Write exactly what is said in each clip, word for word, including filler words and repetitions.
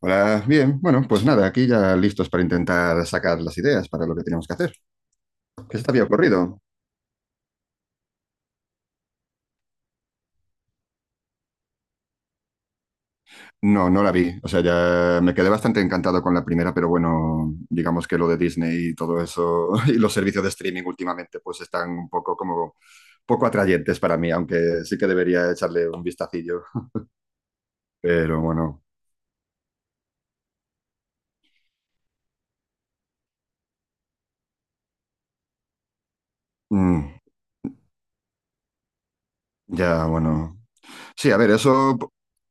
Hola, bien. Bueno, pues nada, aquí ya listos para intentar sacar las ideas para lo que tenemos que hacer. ¿Qué se te había ocurrido? No, no la vi. O sea, ya me quedé bastante encantado con la primera, pero bueno, digamos que lo de Disney y todo eso y los servicios de streaming últimamente pues están un poco como poco atrayentes para mí, aunque sí que debería echarle un vistacillo. Pero bueno, mm, ya bueno. Sí, a ver, eso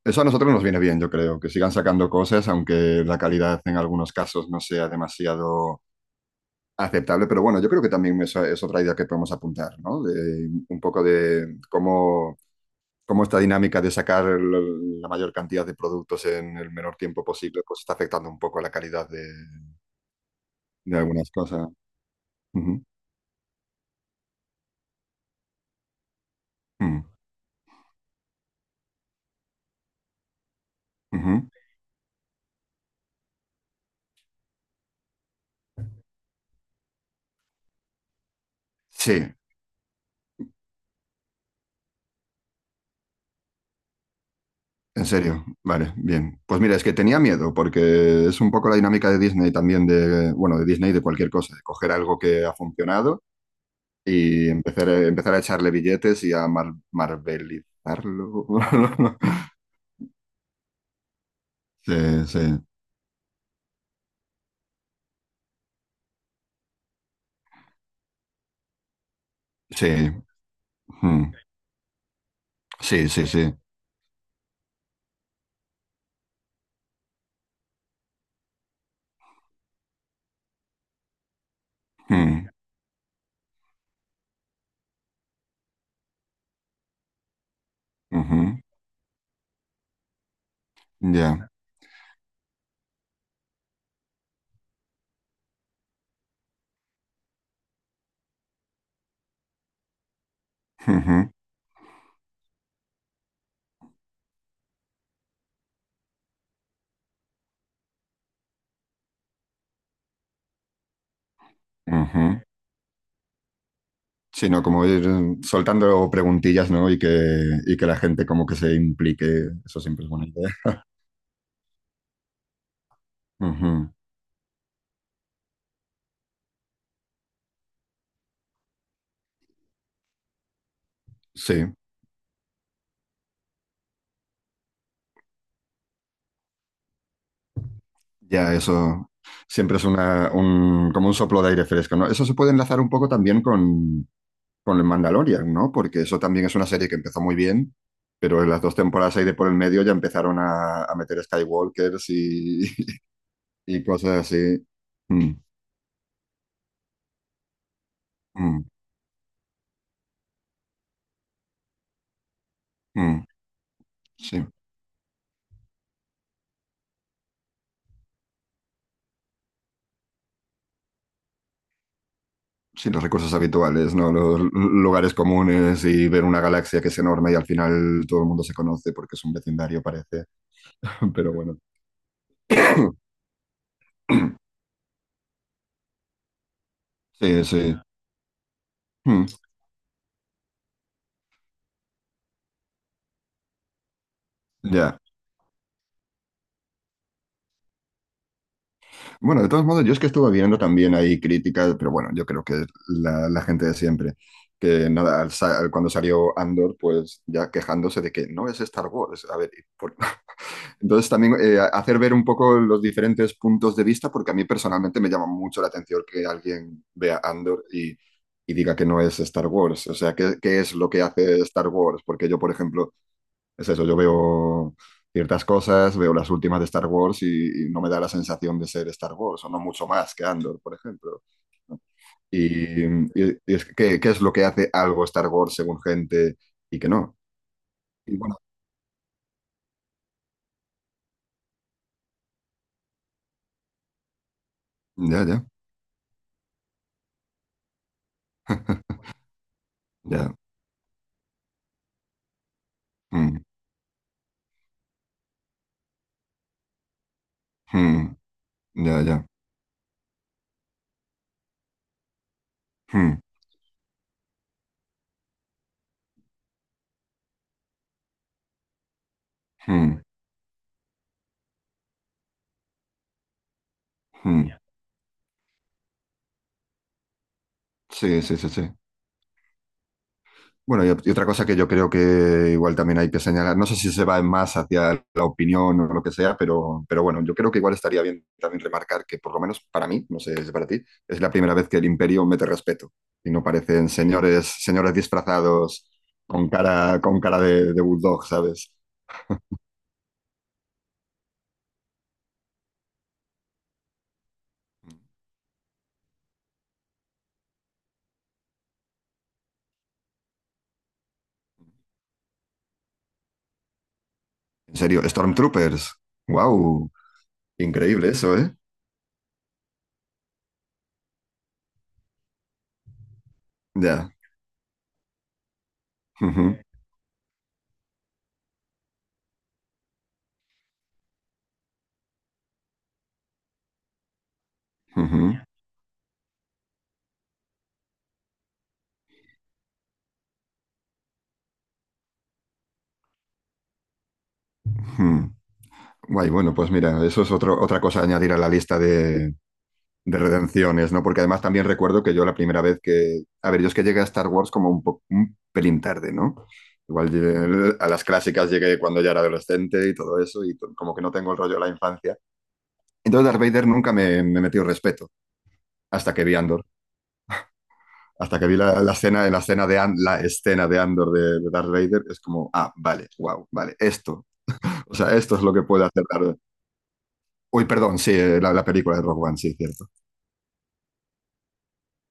eso a nosotros nos viene bien, yo creo, que sigan sacando cosas, aunque la calidad en algunos casos no sea demasiado aceptable, pero bueno, yo creo que también esa es otra idea que podemos apuntar, ¿no? De, un poco de cómo, cómo esta dinámica de sacar el- la mayor cantidad de productos en el menor tiempo posible, pues está afectando un poco la calidad de, de algunas cosas. Ujú, mm, ujú. Sí, en serio, vale, bien. Pues mira, es que tenía miedo, porque es un poco la dinámica de Disney también, de, bueno, de Disney y de cualquier cosa, de coger algo que ha funcionado y empezar a, empezar a echarle billetes y a mar- marvelizarlo. Sí, sí, sí, ujú. Sí, sí, sí, ujú, ujú, ya, ujú, ujú. Sí, no, como ir soltando preguntillas, ¿no? Y que, y que la gente como que se implique, eso siempre es buena idea. Ujú, sí, ya, eso siempre es una, un, como un soplo de aire fresco, ¿no? Eso se puede enlazar un poco también con, con el Mandalorian, ¿no? Porque eso también es una serie que empezó muy bien, pero en las dos temporadas ahí de por el medio ya empezaron a, a meter Skywalkers y, y cosas así. Mm, mm, mm, sí. Sí, los recursos habituales, ¿no? Los l- lugares comunes y ver una galaxia que es enorme y al final todo el mundo se conoce porque es un vecindario, parece. Pero bueno, sí, sí. Mm, ya. Bueno, de todos modos, yo es que estuve viendo también ahí críticas, pero bueno, yo creo que la, la gente de siempre, que nada, al sa- cuando salió Andor, pues ya quejándose de que no es Star Wars. A ver, por entonces también eh, hacer ver un poco los diferentes puntos de vista, porque a mí personalmente me llama mucho la atención que alguien vea Andor y, y diga que no es Star Wars. O sea, ¿qué, qué es lo que hace Star Wars? Porque yo, por ejemplo, es eso, yo veo ciertas cosas, veo las últimas de Star Wars y, y no me da la sensación de ser Star Wars, o no mucho más que Andor, por ejemplo. Y, y- y es que, ¿qué, qué es lo que hace algo Star Wars según gente y que no? Y bueno, ya, ya, ya. Mm, mm. Ya, ya. Hmm, hmm, hmm. Ya. Sí, sí, sí, sí. Bueno, y, y otra cosa que yo creo que igual también hay que señalar, no sé si se va más hacia la opinión o lo que sea, pero, pero bueno, yo creo que igual estaría bien también remarcar que por lo menos para mí, no sé si para ti, es la primera vez que el imperio mete respeto y no parecen señores, señores disfrazados con cara, con cara de, de bulldog, ¿sabes? En serio, Stormtroopers. Wow, increíble eso, ¿eh? Ya. Ujú, ujú, ujú. Guay, bueno, pues mira, eso es otro, otra cosa a añadir a la lista de, de redenciones, ¿no? Porque además también recuerdo que yo la primera vez que... A ver, yo es que llegué a Star Wars como un, po- un pelín tarde, ¿no? Igual llegué- a las clásicas llegué cuando ya era adolescente y todo eso, y to- como que no tengo el rollo de la infancia. Entonces Darth Vader nunca me, me metió respeto, hasta que vi Andor. Hasta que vi la, la escena, la escena de An- la escena de Andor de, de Darth Vader, es como, ah, vale, wow, vale, esto. O sea, esto es lo que puede hacer Darth Vader. Uy, perdón, sí, eh, la, la película de Rogue One, sí, cierto.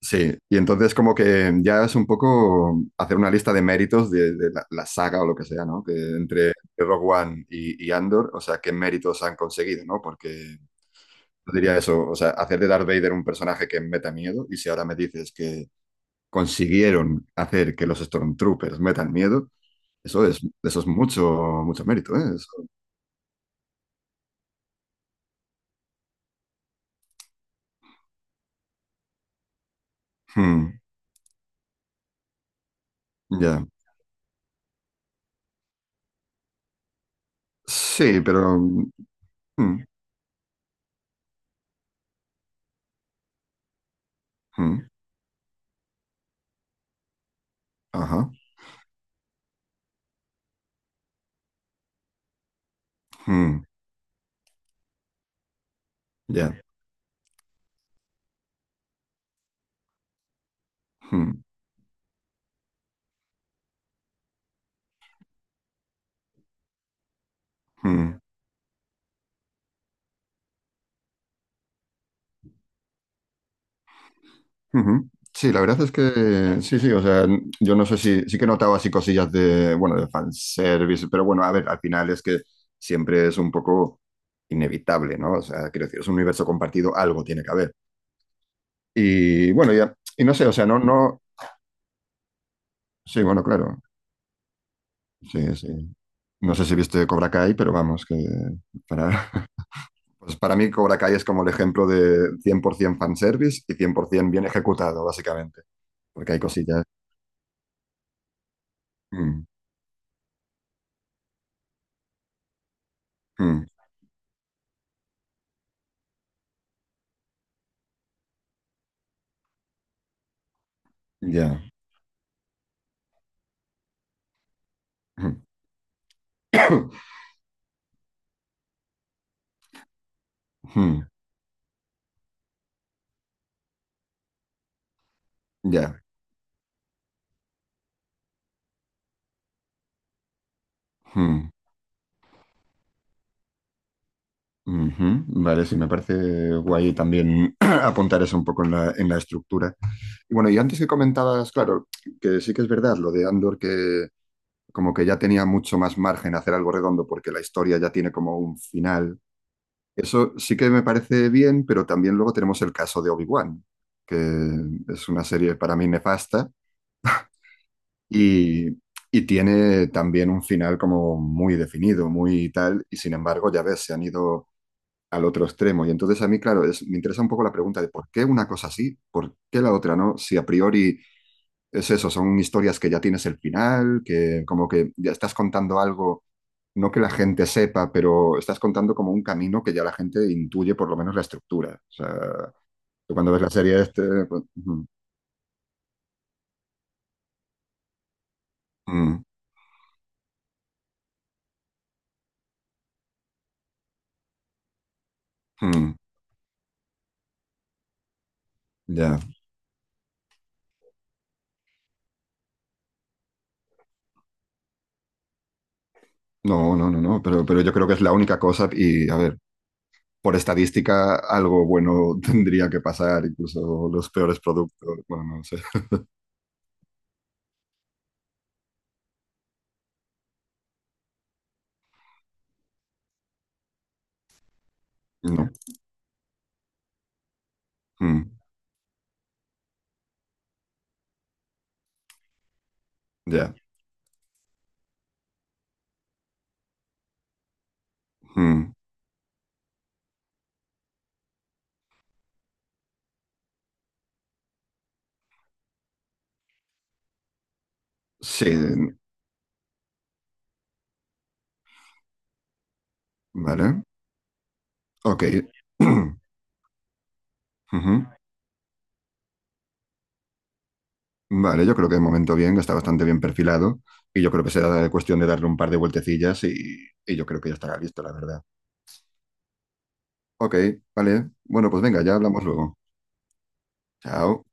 Sí, y entonces como que ya es un poco hacer una lista de méritos de, de la, la saga o lo que sea, ¿no? Que entre Rogue One y, y Andor, o sea, qué méritos han conseguido, ¿no? Porque yo diría eso, o sea, hacer de Darth Vader un personaje que meta miedo, y si ahora me dices que consiguieron hacer que los Stormtroopers metan miedo, eso es, eso es mucho, mucho mérito, ¿eh? Eso. Hmm, ya. Sí, pero... hmm, hmm, ajá. Hmm, ya. Hmm, hmm. Ujú. Sí, la verdad es que sí, sí, o sea, yo no sé si sí que notaba así cosillas de, bueno, de fanservice, pero bueno, a ver, al final es que siempre es un poco inevitable, ¿no? O sea, quiero decir, es un universo compartido, algo tiene que haber. Y bueno, ya, y no sé, o sea, no, no, sí, bueno, claro, sí, sí. No sé si viste Cobra Kai, pero vamos, que para, pues para mí Cobra Kai es como el ejemplo de cien por ciento fanservice y cien por ciento bien ejecutado, básicamente, porque hay cosillas. Mm, mm, ya. Hmm, ya. Hmm, ujú. Vale, sí, me parece guay también apuntar eso un poco en la, en la estructura. Y bueno, y antes que comentabas, claro, que sí que es verdad lo de Andor, que como que ya tenía mucho más margen a hacer algo redondo porque la historia ya tiene como un final. Eso sí que me parece bien, pero también luego tenemos el caso de Obi-Wan, que es una serie para mí nefasta y, y tiene también un final como muy definido, muy tal, y sin embargo, ya ves, se han ido al otro extremo. Y entonces a mí, claro, es, me interesa un poco la pregunta de por qué una cosa sí, por qué la otra no, si a priori es eso, son historias que ya tienes el final, que como que ya estás contando algo, no que la gente sepa, pero estás contando como un camino que ya la gente intuye por lo menos la estructura. O sea, tú cuando ves la serie este, pues, mm, mm, mm, ya, no, no, no, no, pero, pero yo creo que es la única cosa y a ver. Por estadística, algo bueno tendría que pasar, incluso los peores productos. Bueno, no sé. No, mm, ya. Mm, sí, vale. Ok. Ujú. Vale, yo creo que de momento bien, está bastante bien perfilado y yo creo que será cuestión de darle un par de vueltecillas y, y yo creo que ya estará listo, la verdad. Ok, vale. Bueno, pues venga, ya hablamos luego. Chao.